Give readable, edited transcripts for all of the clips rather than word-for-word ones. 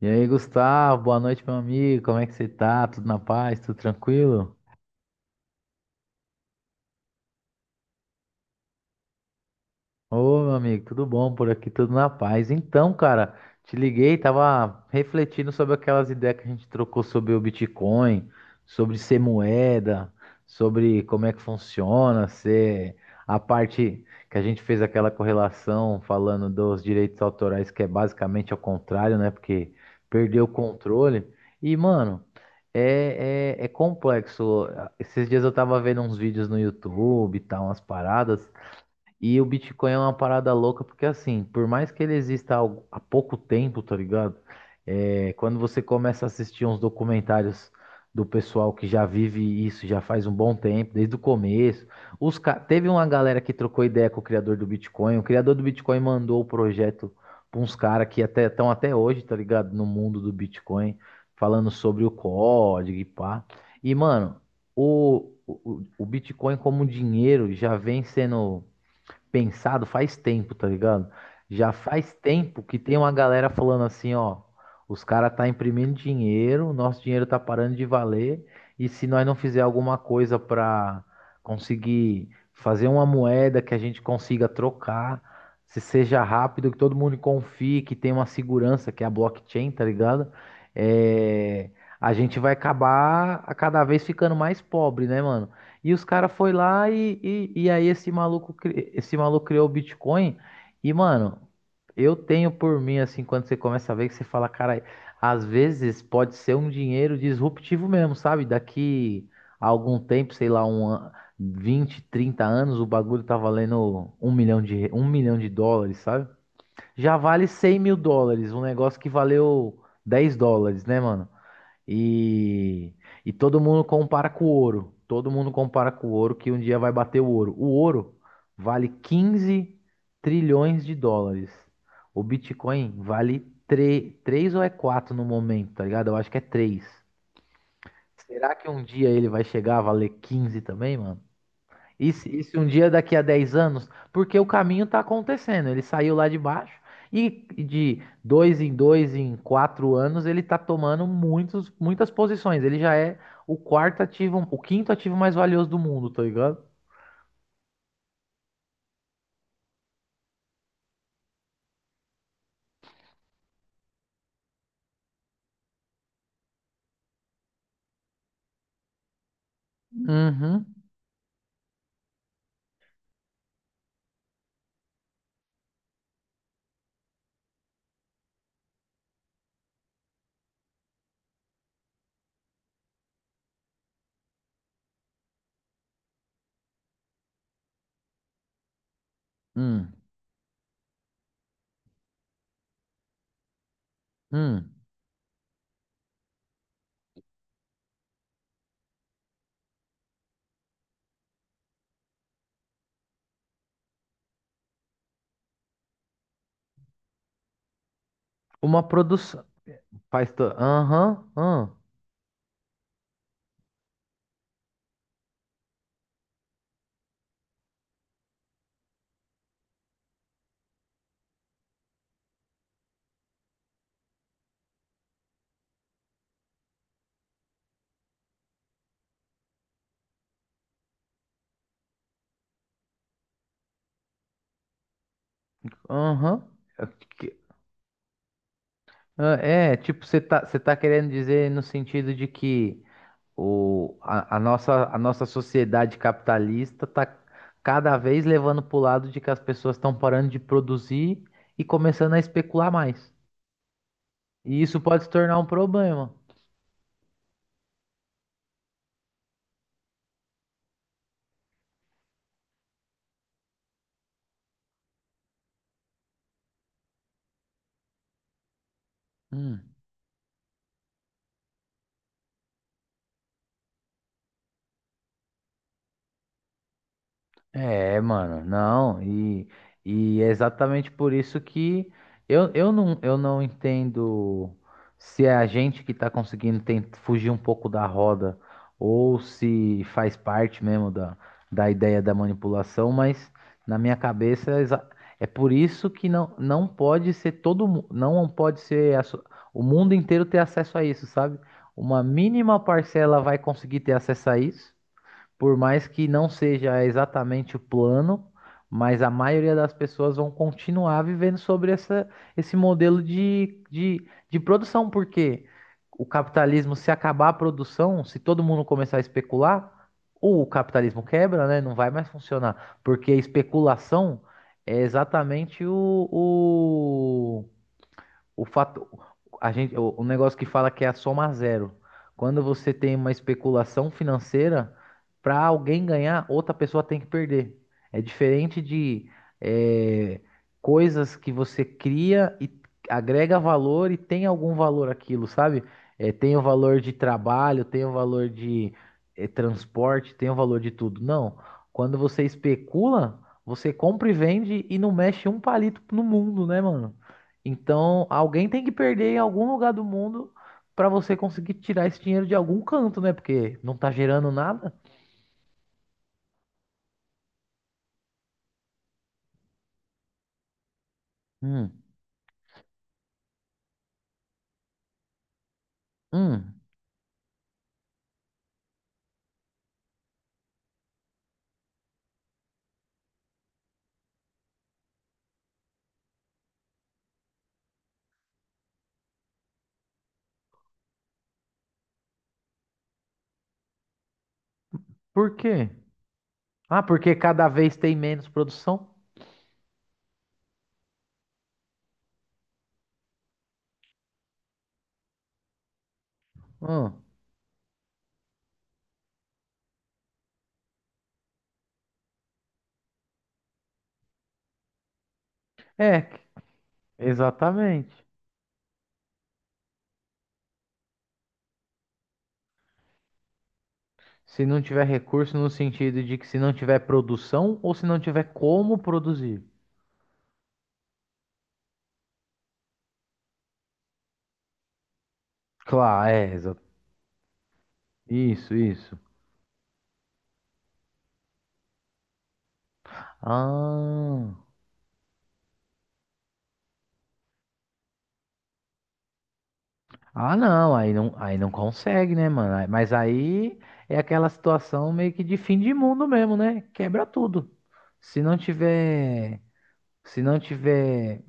E aí, Gustavo, boa noite, meu amigo. Como é que você tá? Tudo na paz? Tudo tranquilo? Ô, meu amigo, tudo bom por aqui? Tudo na paz. Então, cara, te liguei, tava refletindo sobre aquelas ideias que a gente trocou sobre o Bitcoin, sobre ser moeda, sobre como é que funciona, ser a parte que a gente fez aquela correlação falando dos direitos autorais, que é basicamente ao contrário, né? Porque perdeu o controle. E, mano, é complexo. Esses dias eu tava vendo uns vídeos no YouTube e tal, umas paradas. E o Bitcoin é uma parada louca, porque assim, por mais que ele exista há pouco tempo, tá ligado? É, quando você começa a assistir uns documentários do pessoal que já vive isso já faz um bom tempo, desde o começo. Teve uma galera que trocou ideia com o criador do Bitcoin. O criador do Bitcoin mandou o projeto para uns caras que até estão até hoje, tá ligado? No mundo do Bitcoin, falando sobre o código e pá. E, mano, o, o, o Bitcoin como dinheiro já vem sendo pensado faz tempo, tá ligado? Já faz tempo que tem uma galera falando assim, ó, os caras tá imprimindo dinheiro, nosso dinheiro tá parando de valer, e se nós não fizer alguma coisa pra conseguir fazer uma moeda que a gente consiga trocar, se seja rápido, que todo mundo confie, que tenha uma segurança, que é a blockchain, tá ligado? É, a gente vai acabar a cada vez ficando mais pobre, né, mano? E os caras foi lá e aí esse maluco criou o Bitcoin. E, mano, eu tenho por mim, assim, quando você começa a ver, que você fala, cara, às vezes pode ser um dinheiro disruptivo mesmo, sabe? Daqui a algum tempo, sei lá, 20, 30 anos, o bagulho tá valendo um milhão de dólares, sabe? Já vale US$ 100 mil, um negócio que valeu US$ 10, né, mano? E, e todo mundo compara com o ouro. Todo mundo compara com o ouro que um dia vai bater o ouro. O ouro vale US$ 15 trilhões. O Bitcoin vale 3 ou é 4 no momento, tá ligado? Eu acho que é 3. Será que um dia ele vai chegar a valer 15 também, mano? E se um dia daqui a 10 anos, porque o caminho está acontecendo, ele saiu lá de baixo e de dois, em 4 anos, ele está tomando muitas posições. Ele já é o quarto ativo, o quinto ativo mais valioso do mundo, tá ligado? Uhum. Hum. Hum. Uma produção. Faz. Aham. Aham. Aham. É, que- ah, é, tipo, você tá querendo dizer no sentido de que. O, a nossa sociedade capitalista está cada vez levando para o lado de que as pessoas estão parando de produzir e começando a especular mais. E isso pode se tornar um problema. Hum. É, mano, não, e é exatamente por isso que eu não entendo se é a gente que tá conseguindo fugir um pouco da roda ou se faz parte mesmo da ideia da manipulação, mas na minha cabeça é por isso que não, não pode ser todo, não pode ser o mundo inteiro ter acesso a isso, sabe? Uma mínima parcela vai conseguir ter acesso a isso. Por mais que não seja exatamente o plano, mas a maioria das pessoas vão continuar vivendo sobre esse modelo de produção, porque o capitalismo, se acabar a produção, se todo mundo começar a especular, ou o capitalismo quebra, né? Não vai mais funcionar, porque a especulação é exatamente o fato, a gente, o negócio que fala que é a soma zero. Quando você tem uma especulação financeira, para alguém ganhar, outra pessoa tem que perder. É diferente de eh, coisas que você cria e agrega valor e tem algum valor aquilo, sabe? Tem o valor de trabalho, tem o valor de transporte, tem o valor de tudo. Não. Quando você especula, você compra e vende e não mexe um palito no mundo, né, mano? Então, alguém tem que perder em algum lugar do mundo para você conseguir tirar esse dinheiro de algum canto, né? Porque não tá gerando nada. Hum, hum. Por quê? Ah, porque cada vez tem menos produção? Hum. É, exatamente. Se não tiver recurso no sentido de que se não tiver produção ou se não tiver como produzir. Claro, é, isso, isso. Ah. Ah, não, aí não, aí não consegue, né, mano? Mas aí é aquela situação meio que de fim de mundo mesmo, né? Quebra tudo. Se não tiver, se não tiver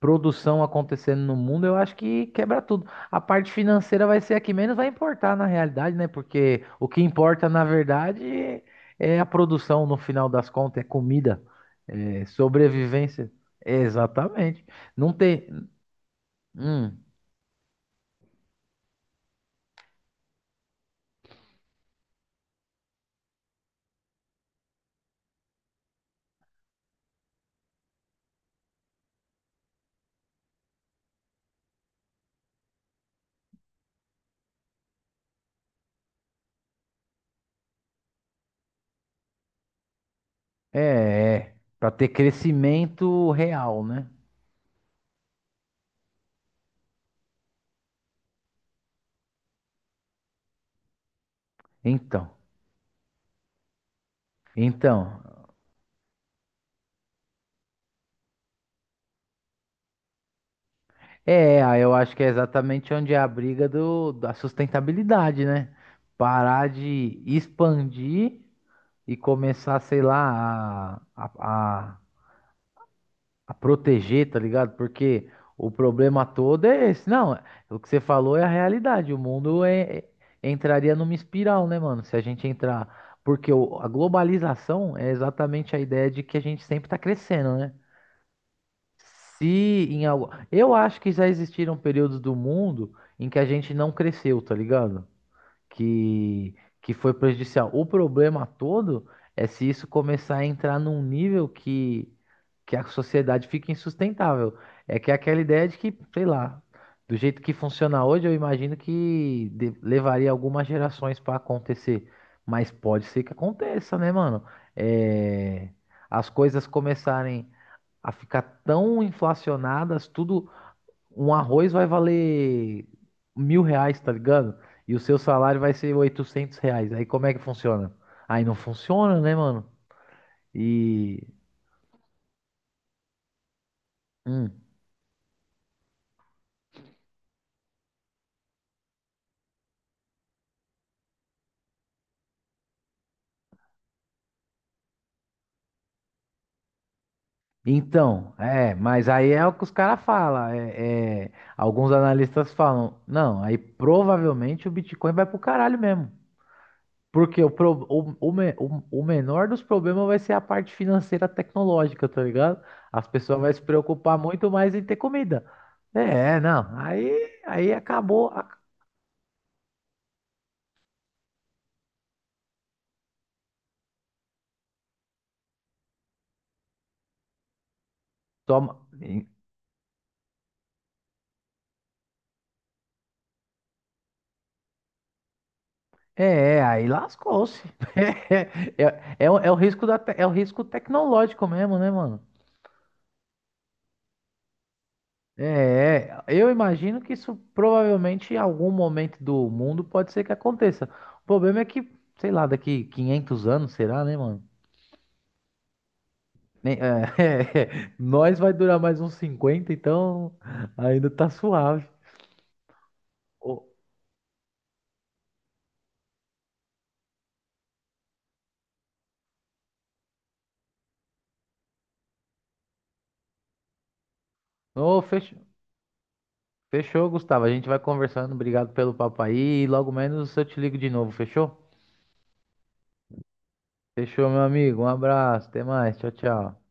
produção acontecendo no mundo, eu acho que quebra tudo. A parte financeira vai ser a que menos vai importar na realidade, né? Porque o que importa, na verdade, é a produção no final das contas, é comida, é sobrevivência. Exatamente. Não tem. Hum. É, para ter crescimento real, né? Então, então, é, aí eu acho que é exatamente onde é a briga da sustentabilidade, né? Parar de expandir e começar, sei lá, a proteger, tá ligado? Porque o problema todo é esse. Não, o que você falou é a realidade. O mundo entraria numa espiral, né, mano? Se a gente entrar. Porque a globalização é exatamente a ideia de que a gente sempre tá crescendo, né? Se em algo. Eu acho que já existiram períodos do mundo em que a gente não cresceu, tá ligado? que, que foi prejudicial. O problema todo é se isso começar a entrar num nível que a sociedade fica insustentável. É que é aquela ideia de que, sei lá, do jeito que funciona hoje, eu imagino que levaria algumas gerações para acontecer. Mas pode ser que aconteça, né, mano? É, as coisas começarem a ficar tão inflacionadas, tudo um arroz vai valer R$ 1.000, tá ligado? E o seu salário vai ser R$ 800. Aí como é que funciona? Aí não funciona, né, mano? E. Hum. Então, é, mas aí é o que os caras falam. É, alguns analistas falam, não, aí provavelmente o Bitcoin vai pro caralho mesmo. Porque o, pro- o, me- o menor dos problemas vai ser a parte financeira tecnológica, tá ligado? As pessoas vão se preocupar muito mais em ter comida. É, não. Aí acabou. Toma. É, aí lascou-se. É, o é o risco é o risco tecnológico mesmo, né, mano? É, eu imagino que isso provavelmente em algum momento do mundo pode ser que aconteça. O problema é que, sei lá, daqui 500 anos, será, né, mano? É, nós vai durar mais uns 50, então ainda tá suave. Ô, ô, fech- fechou, Gustavo. A gente vai conversando. Obrigado pelo papo aí. E logo menos eu te ligo de novo, fechou? Fechou, meu amigo. Um abraço. Até mais. Tchau, tchau.